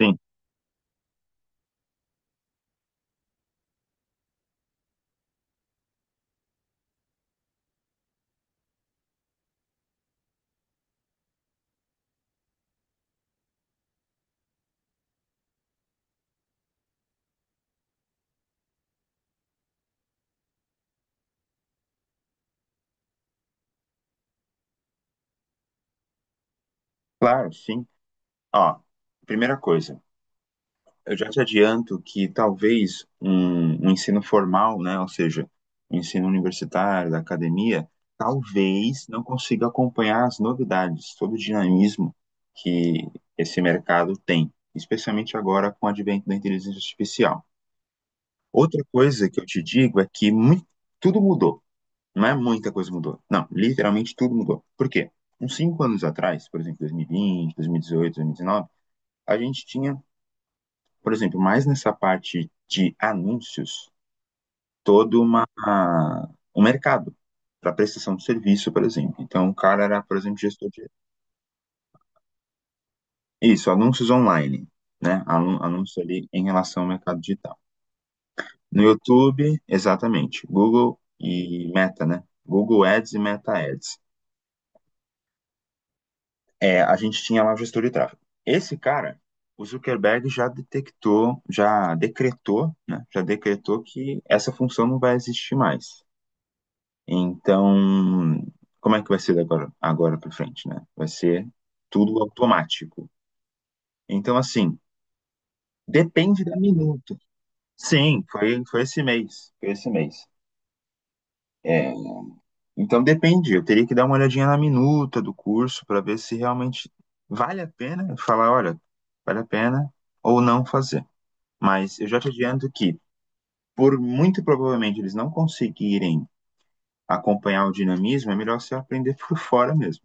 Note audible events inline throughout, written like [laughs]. Sim, claro, sim. Ó, primeira coisa, eu já te adianto que talvez um ensino formal, né, ou seja, um ensino universitário, da academia, talvez não consiga acompanhar as novidades, todo o dinamismo que esse mercado tem, especialmente agora com o advento da inteligência artificial. Outra coisa que eu te digo é que tudo mudou, não é muita coisa mudou, não, literalmente tudo mudou. Por quê? Uns 5 anos atrás, por exemplo, 2020, 2018, 2019, a gente tinha, por exemplo, mais nessa parte de anúncios, todo uma, um mercado para prestação de serviço, por exemplo. Então, o cara era, por exemplo, gestor de. Isso, anúncios online, né? Anúncios ali em relação ao mercado digital. No YouTube, exatamente. Google e Meta, né? Google Ads e Meta Ads. É, a gente tinha lá o gestor de tráfego. Esse cara, o Zuckerberg já detectou, já decretou, né? Já decretou que essa função não vai existir mais. Então, como é que vai ser agora, agora para frente, né? Vai ser tudo automático. Então, assim, depende da minuta. Sim, foi esse mês. Foi esse mês. É, então depende. Eu teria que dar uma olhadinha na minuta do curso para ver se realmente vale a pena falar, olha, vale a pena ou não fazer. Mas eu já te adianto que, por muito provavelmente eles não conseguirem acompanhar o dinamismo, é melhor você aprender por fora mesmo.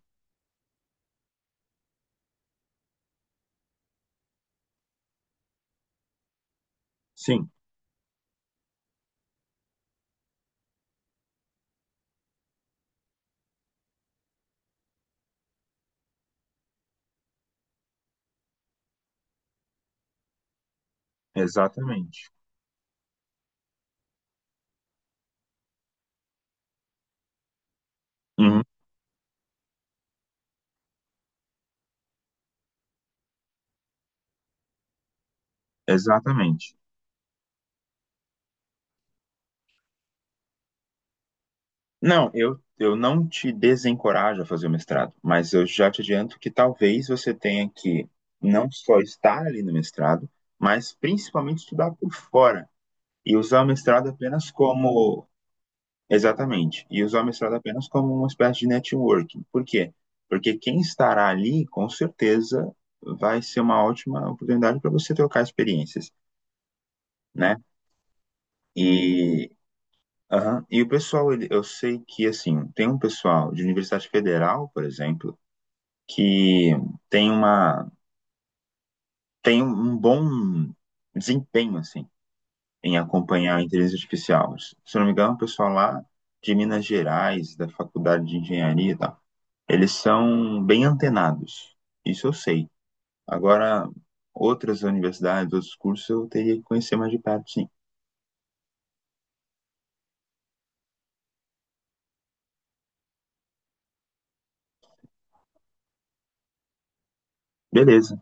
Sim, exatamente. Uhum, exatamente. Não, eu não te desencorajo a fazer o mestrado, mas eu já te adianto que talvez você tenha que não só estar ali no mestrado, mas principalmente estudar por fora e usar o mestrado apenas como. Exatamente, e usar o mestrado apenas como uma espécie de networking. Por quê? Porque quem estará ali, com certeza, vai ser uma ótima oportunidade para você trocar experiências, né? Aham. E o pessoal, ele, eu sei que, assim, tem um pessoal de Universidade Federal, por exemplo, que tem uma, tem um bom desempenho, assim, em acompanhar a inteligência artificial. Se eu não me engano, o pessoal lá de Minas Gerais, da Faculdade de Engenharia e tal, eles são bem antenados. Isso eu sei. Agora, outras universidades, outros cursos, eu teria que conhecer mais de perto, sim. Beleza.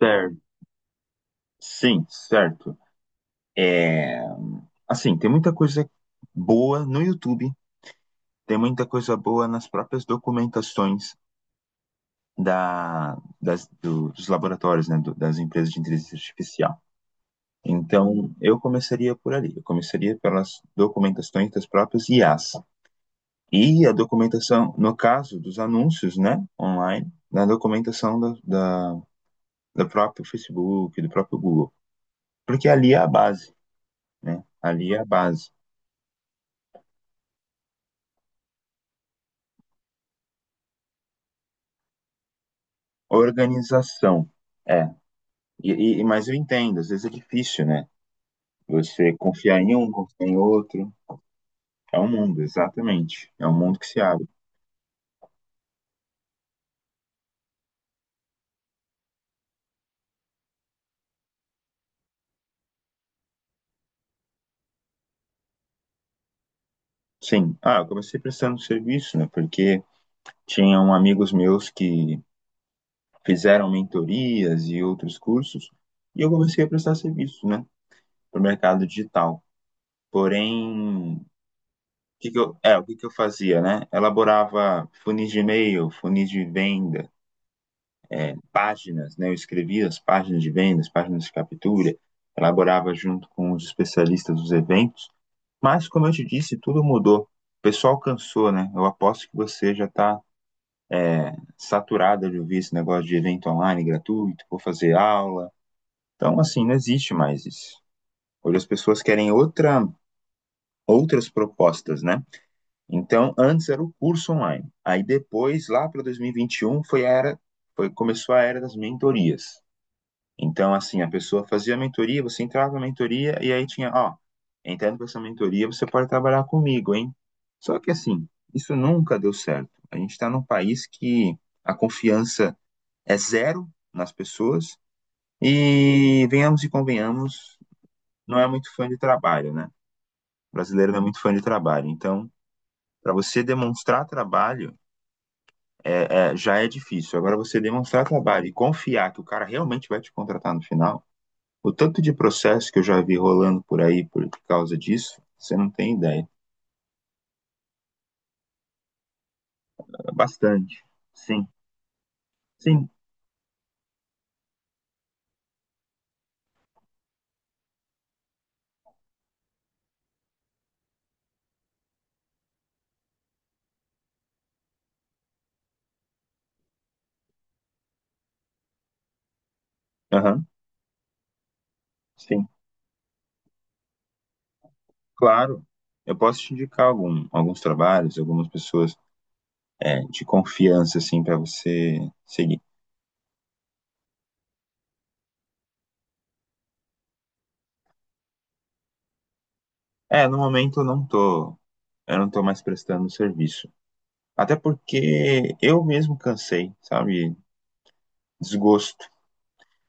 Certo. Sim, certo. É, assim, tem muita coisa boa no YouTube, tem muita coisa boa nas próprias documentações dos laboratórios, né, das empresas de inteligência artificial. Então, eu começaria por ali, eu começaria pelas documentações das próprias IAs. E a documentação, no caso dos anúncios, né, online, na documentação do próprio Facebook, do próprio Google. Porque ali é a base, né? Ali é a base. Organização. É. E, mas eu entendo, às vezes é difícil, né? Você confiar em um, confiar em outro. É um mundo, exatamente. É um mundo que se abre. Sim. Ah, eu comecei prestando serviço, né? Porque tinham amigos meus que fizeram mentorias e outros cursos, e eu comecei a prestar serviço, né? Para o mercado digital. Porém, o que que eu fazia, né? Elaborava funis de e-mail, funis de venda, páginas, né? Eu escrevia as páginas de vendas, páginas de captura, elaborava junto com os especialistas dos eventos, mas como eu te disse, tudo mudou. O pessoal cansou, né? Eu aposto que você já está saturada de ouvir esse negócio de evento online gratuito, vou fazer aula. Então, assim, não existe mais isso. Hoje as pessoas querem outras propostas, né? Então, antes era o curso online. Aí depois, lá para 2021, foi a era, foi, começou a era das mentorias. Então, assim, a pessoa fazia a mentoria, você entrava na mentoria e aí tinha, ó, entrando para essa mentoria, você pode trabalhar comigo, hein? Só que, assim, isso nunca deu certo. A gente está num país que a confiança é zero nas pessoas e, venhamos e convenhamos, não é muito fã de trabalho, né? O brasileiro não é muito fã de trabalho. Então, para você demonstrar trabalho, já é difícil. Agora, você demonstrar trabalho e confiar que o cara realmente vai te contratar no final. O tanto de processo que eu já vi rolando por aí por causa disso, você não tem ideia. Bastante. Sim, sim, aham, sim. Claro, eu posso te indicar alguns trabalhos, algumas pessoas de confiança, assim, para você seguir. É, no momento eu não tô mais prestando serviço. Até porque eu mesmo cansei, sabe? Desgosto.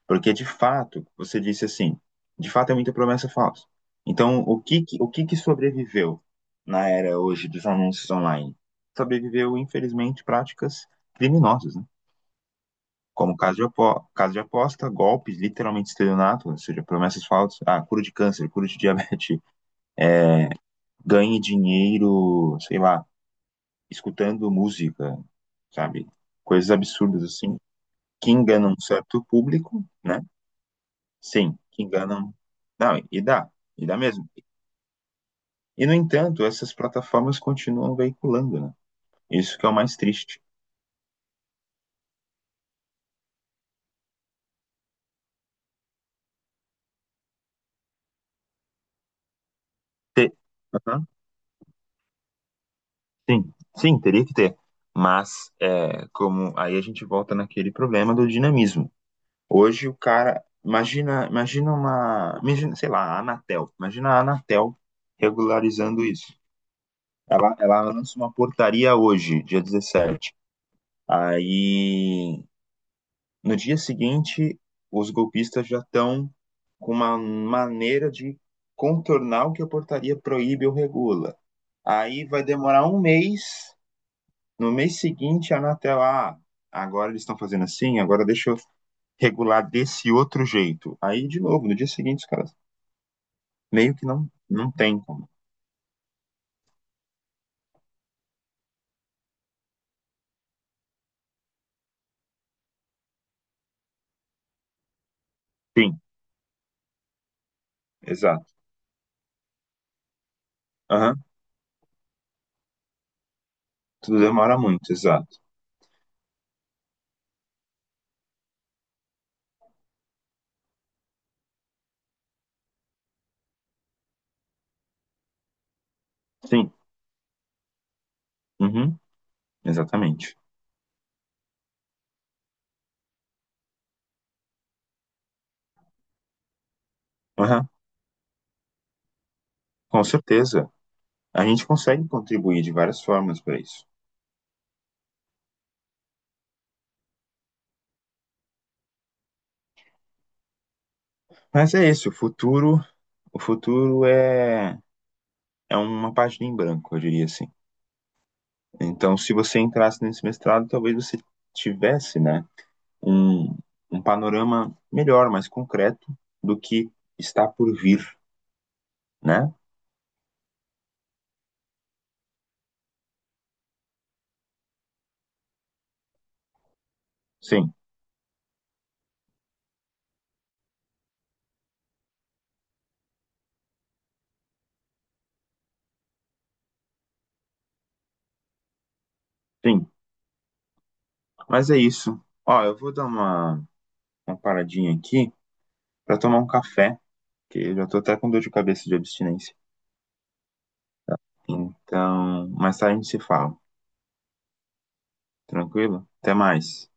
Porque de fato, você disse assim, de fato é muita promessa falsa. Então, o que que sobreviveu na era hoje dos anúncios online? Sobreviveu, infelizmente, práticas criminosas, né? Como caso de, caso de aposta, golpes, literalmente estelionato, ou seja, promessas falsas, ah, cura de câncer, cura de diabetes, [laughs] ganhe dinheiro, sei lá, escutando música, sabe? Coisas absurdas assim, que enganam um certo público, né? Sim, que enganam. Não, e dá mesmo. E, no entanto, essas plataformas continuam veiculando, né? Isso que é o mais triste. Te- Aham. Sim, sim, teria que ter. Mas, é, como aí a gente volta naquele problema do dinamismo. Hoje o cara, imagina, sei lá, a Anatel. Imagina a Anatel regularizando isso. Ela lança uma portaria hoje, dia 17. Aí, no dia seguinte, os golpistas já estão com uma maneira de contornar o que a portaria proíbe ou regula. Aí vai demorar um mês. No mês seguinte, a Anatel, ah, agora eles estão fazendo assim, agora deixa eu regular desse outro jeito. Aí, de novo, no dia seguinte, os caras meio que não, não tem como. Sim, exato. Aham. Tudo demora muito, exato. Sim, uhum, exatamente. Aham, com certeza. A gente consegue contribuir de várias formas para isso. Mas é isso, o futuro é uma página em branco, eu diria assim. Então, se você entrasse nesse mestrado, talvez você tivesse, né, um, um panorama melhor, mais concreto do que está por vir, né? Sim, sim. Mas é isso. Ó, eu vou dar uma paradinha aqui para tomar um café, que eu já tô até com dor de cabeça de abstinência. Então, mais tarde a gente se fala. Tranquilo? Até mais.